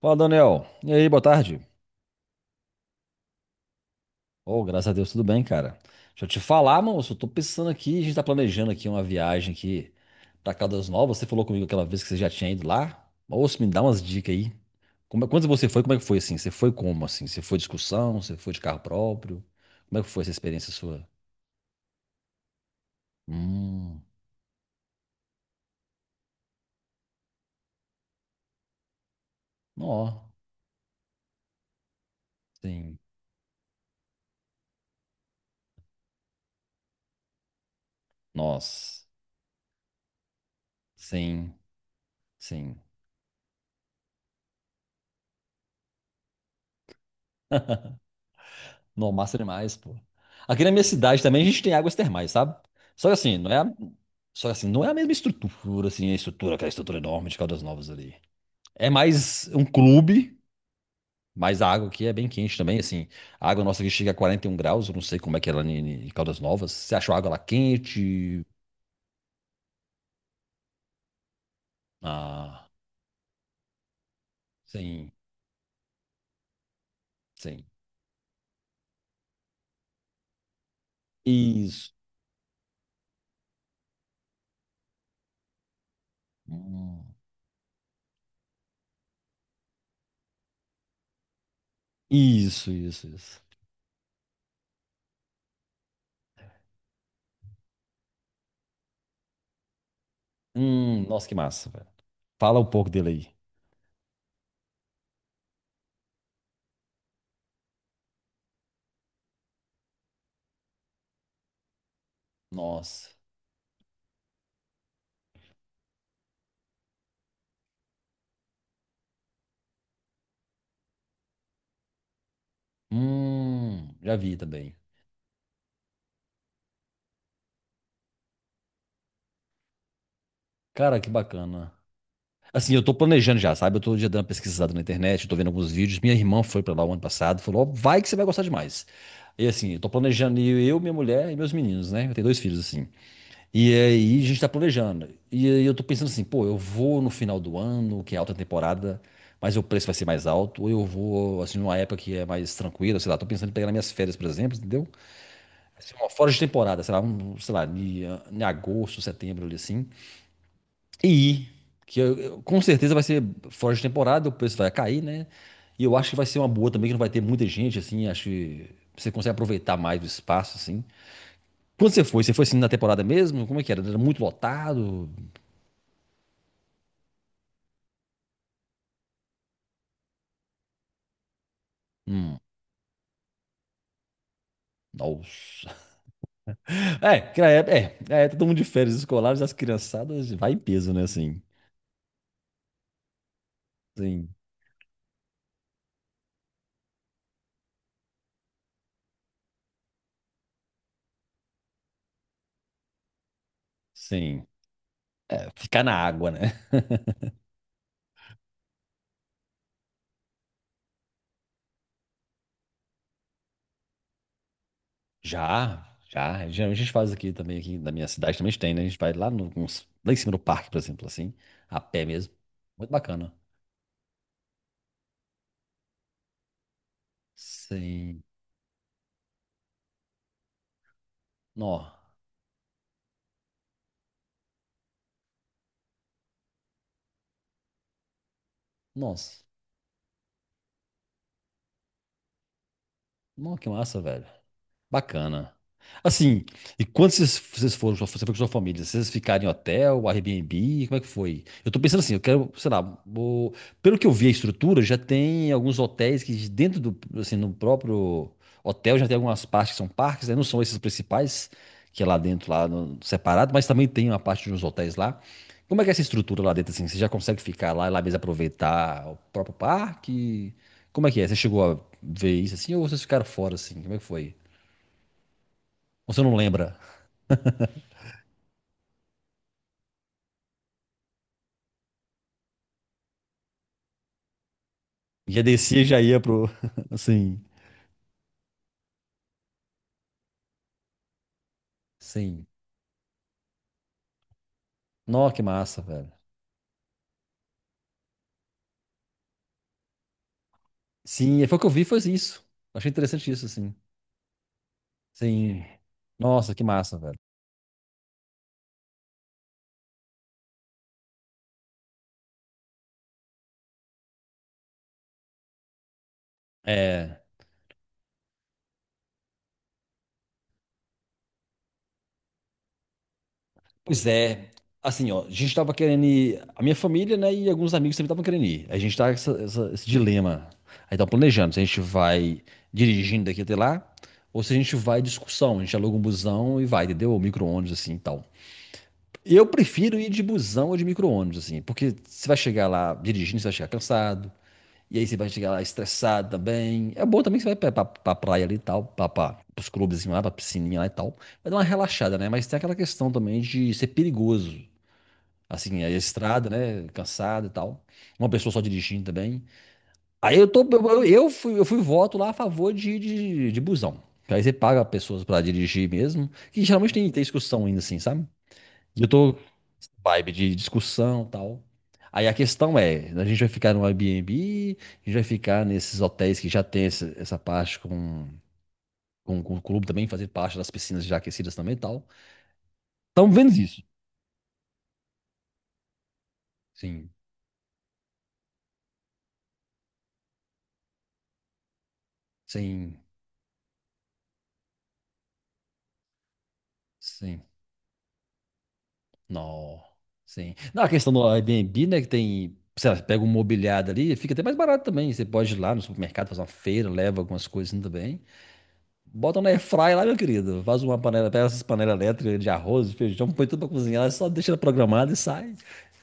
Fala, Daniel. E aí, boa tarde. Oh, graças a Deus, tudo bem, cara. Deixa eu te falar, moço, eu tô pensando aqui, a gente tá planejando aqui uma viagem aqui pra Caldas Novas. Você falou comigo aquela vez que você já tinha ido lá. Moço, me dá umas dicas aí. Como, quando você foi, como é que foi assim? Você foi como assim? Você foi de excursão? Você foi de carro próprio? Como é que foi essa experiência sua? Hum, ó, sim. Nossa, sim, sim. Não, massa demais, pô. Aqui na minha cidade também a gente tem águas termais, sabe? Só que assim, não é a. Só que assim, não é a mesma estrutura, assim, a estrutura, aquela estrutura enorme de Caldas Novas ali. É mais um clube, mas a água aqui é bem quente também, assim. A água nossa aqui chega a 41 graus, eu não sei como é que é lá em Caldas Novas. Você achou a água lá quente? Ah, sim, sim. Isso. Hum, isso, isso, isso. Nossa, que massa, velho. Fala um pouco dele aí. Nossa. Já vi também. Cara, que bacana. Assim, eu tô planejando já, sabe? Eu tô já dando uma pesquisada na internet, eu tô vendo alguns vídeos. Minha irmã foi pra lá o ano passado, falou, ó, vai que você vai gostar demais. E assim, eu tô planejando ir eu, minha mulher e meus meninos, né? Eu tenho dois filhos, assim. E aí a gente tá planejando. E aí eu tô pensando assim, pô, eu vou no final do ano, que é alta temporada, mas o preço vai ser mais alto, ou eu vou, assim, numa época que é mais tranquila, sei lá, tô pensando em pegar nas minhas férias, por exemplo, entendeu? Assim, uma fora de temporada, sei lá, um, sei lá, em agosto, setembro, ali assim. E que com certeza vai ser fora de temporada, o preço vai cair, né? E eu acho que vai ser uma boa também, que não vai ter muita gente, assim, acho que você consegue aproveitar mais o espaço, assim. Quando você foi? Você foi assim na temporada mesmo? Como é que era? Era muito lotado? Hum, nossa. É, é, todo mundo de férias escolares, as criançadas, vai em peso, né, assim. Sim, sim. É, ficar na água, né? Já, já. Geralmente a gente faz aqui também, aqui na minha cidade também tem, né? A gente vai lá, no, uns- lá em cima do parque, por exemplo, assim, a pé mesmo. Muito bacana. Sim. Nó. Nossa. Nó, que massa, velho. Bacana. Assim, e quando vocês foram, você foi com sua família, vocês ficaram em hotel, Airbnb, como é que foi? Eu tô pensando assim, eu quero, sei lá, pelo que eu vi a estrutura, já tem alguns hotéis que dentro do, assim, no próprio hotel já tem algumas partes que são parques, né? Não são esses principais, que é lá dentro, lá no- separado, mas também tem uma parte de uns hotéis lá. Como é que é essa estrutura lá dentro, assim? Você já consegue ficar lá e lá mesmo aproveitar o próprio parque? Como é que é? Você chegou a ver isso assim ou vocês ficaram fora, assim? Como é que foi? Você não lembra. Já descia e já ia pro. Assim. Sim. Nossa, que massa, velho. Sim, e foi o que eu vi, foi isso. Achei interessante isso, assim. Sim. Nossa, que massa, velho. É. Pois é. Assim, ó, a gente tava querendo ir. A minha família, né, e alguns amigos também estavam querendo ir. A gente tá com esse dilema. Aí tá planejando se a gente vai dirigindo daqui até lá, ou se a gente vai em discussão. A gente aluga um busão e vai, entendeu? Ou micro-ônibus, assim e tal. Eu prefiro ir de busão ou de micro-ônibus, assim, porque você vai chegar lá dirigindo, você vai chegar cansado, e aí você vai chegar lá estressado também. É bom também que você vai pra praia ali e tal, pros clubes assim, lá, pra piscininha lá e tal. Vai dar uma relaxada, né? Mas tem aquela questão também de ser perigoso. Assim, a estrada, né? Cansado e tal. Uma pessoa só dirigindo também. Aí eu tô. Eu fui voto lá a favor de busão. Que aí você paga pessoas pra dirigir mesmo. Que geralmente tem, discussão ainda, assim, sabe? E eu tô vibe de discussão e tal. Aí a questão é, a gente vai ficar no Airbnb, a gente vai ficar nesses hotéis que já tem essa parte com, com o clube também, fazer parte das piscinas já aquecidas também e tal. Estamos vendo isso. Sim, sim, sim. Não, sim. Não, a questão do Airbnb, né, que tem, sei lá, você pega um mobiliário ali, fica até mais barato também. Você pode ir lá no supermercado fazer uma feira, leva algumas coisas também. Bota na airfryer lá, meu querido. Faz uma panela, pega essas panelas elétricas de arroz, feijão, põe tudo pra cozinhar, ela só deixa ela programada e sai.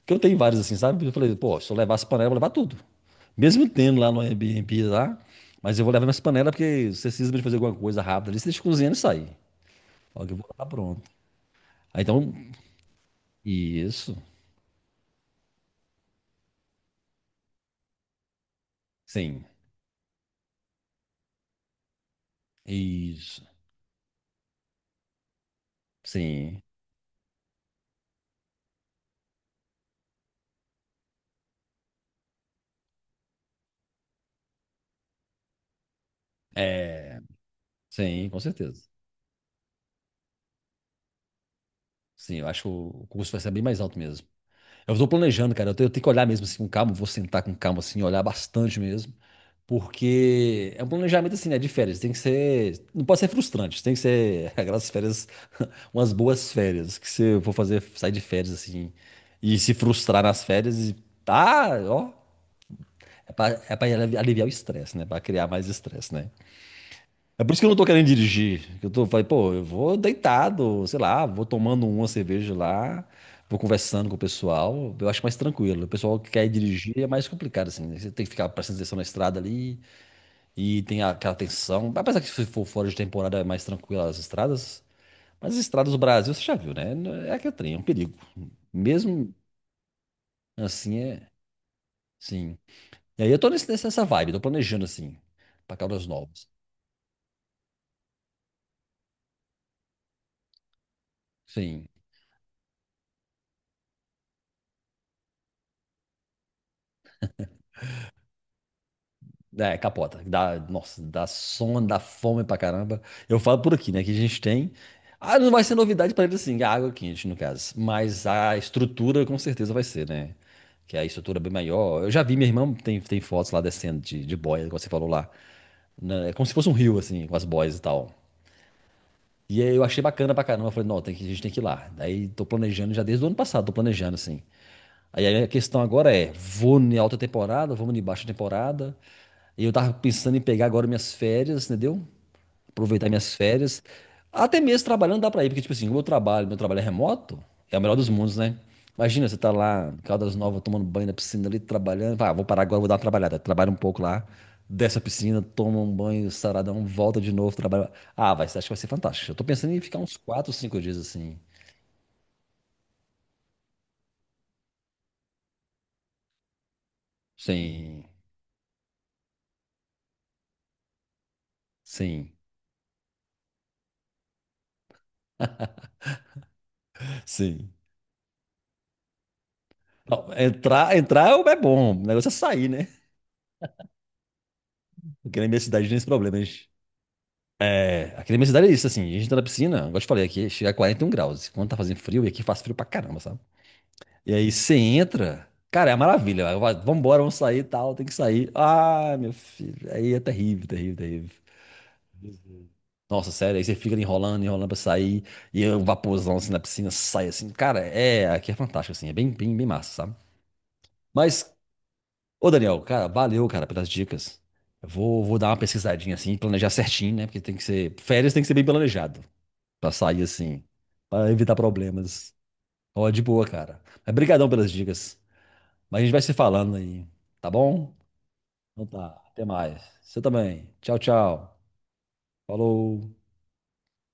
Porque eu tenho vários assim, sabe? Eu falei, pô, se eu levar essa panela eu vou levar tudo. Mesmo tendo lá no Airbnb lá, mas eu vou levar minhas panelas porque se você precisa de fazer alguma coisa rápida ali, você deixa cozinhando e sai. Fala que eu vou lá tá pronto. Aí então, isso, sim, isso, sim, é, sim, com certeza. Sim, eu acho que o custo vai ser bem mais alto mesmo. Eu tô planejando, cara. Eu tenho que olhar mesmo assim com calma. Vou sentar com calma, assim, olhar bastante mesmo. Porque é um planejamento assim, né? De férias. Tem que ser. Não pode ser frustrante. Tem que ser aquelas férias, umas boas férias. Que você for fazer, sair de férias assim. E se frustrar nas férias. E tá, ó. É pra aliviar o estresse, né? Pra criar mais estresse, né? É por isso que eu não tô querendo dirigir. Eu tô, falei, pô, eu vou deitado, sei lá, vou tomando uma cerveja lá, vou conversando com o pessoal. Eu acho mais tranquilo. O pessoal que quer dirigir é mais complicado, assim, né? Você tem que ficar prestando atenção na estrada ali e tem aquela tensão. Apesar que se for fora de temporada é mais tranquilo as estradas, mas as estradas do Brasil, você já viu, né? É aquele trem, é um perigo. Mesmo assim, é, sim. E aí eu tô nessa vibe, tô planejando, assim, pra Caldas Novas. Sim. É, capota. Dá, nossa, dá sono, dá fome pra caramba. Eu falo por aqui, né? Que a gente tem. Ah, não vai ser novidade pra eles assim, a água quente, no caso. Mas a estrutura com certeza vai ser, né? Que a estrutura é bem maior. Eu já vi, minha irmã tem, fotos lá descendo de boia, como você falou lá. Né? É como se fosse um rio, assim, com as boias e tal. E aí eu achei bacana pra caramba. Eu falei, não, tem que, a gente tem que ir lá. Daí tô planejando já desde o ano passado, tô planejando assim. Aí a questão agora é, vou em alta temporada, vamos em baixa temporada. E eu tava pensando em pegar agora minhas férias, entendeu? Aproveitar minhas férias. Até mesmo trabalhando dá pra ir, porque tipo assim, o meu trabalho é remoto, é o melhor dos mundos, né? Imagina, você tá lá em Caldas Novas tomando banho na piscina ali, trabalhando. Vai: "Ah, vou parar agora, vou dar uma trabalhada." Trabalha um pouco lá, desce a piscina, toma um banho saradão, volta de novo, trabalha. Ah, vai, acho que vai ser fantástico. Eu tô pensando em ficar uns 4, 5 dias assim. Sim, sim, sim. Não, entrar, entrar é bom, o negócio é sair, né? Porque na minha cidade tem esse problema. É, aqui na minha cidade é isso, assim, a gente entra na piscina, igual eu te falei, aqui chega a 41 graus. Quando tá fazendo frio, e aqui faz frio pra caramba, sabe? E aí você entra, cara, é uma maravilha. Vai, vai, vambora, vamos sair e tal, tem que sair. Ah, meu filho, aí é terrível, terrível, terrível. Nossa, sério, aí você fica ali enrolando, enrolando pra sair, e o vaporzão assim na piscina sai assim. Cara, é, aqui é fantástico, assim, é bem, bem, bem massa, sabe? Mas, ô Daniel, cara, valeu, cara, pelas dicas. Eu vou dar uma pesquisadinha assim, planejar certinho, né? Porque tem que ser, férias tem que ser bem planejado, pra sair assim, pra evitar problemas. Ó, de boa, cara. Mas brigadão pelas dicas. Mas a gente vai se falando aí, tá bom? Então tá, até mais. Você também. Tchau, tchau. Falou.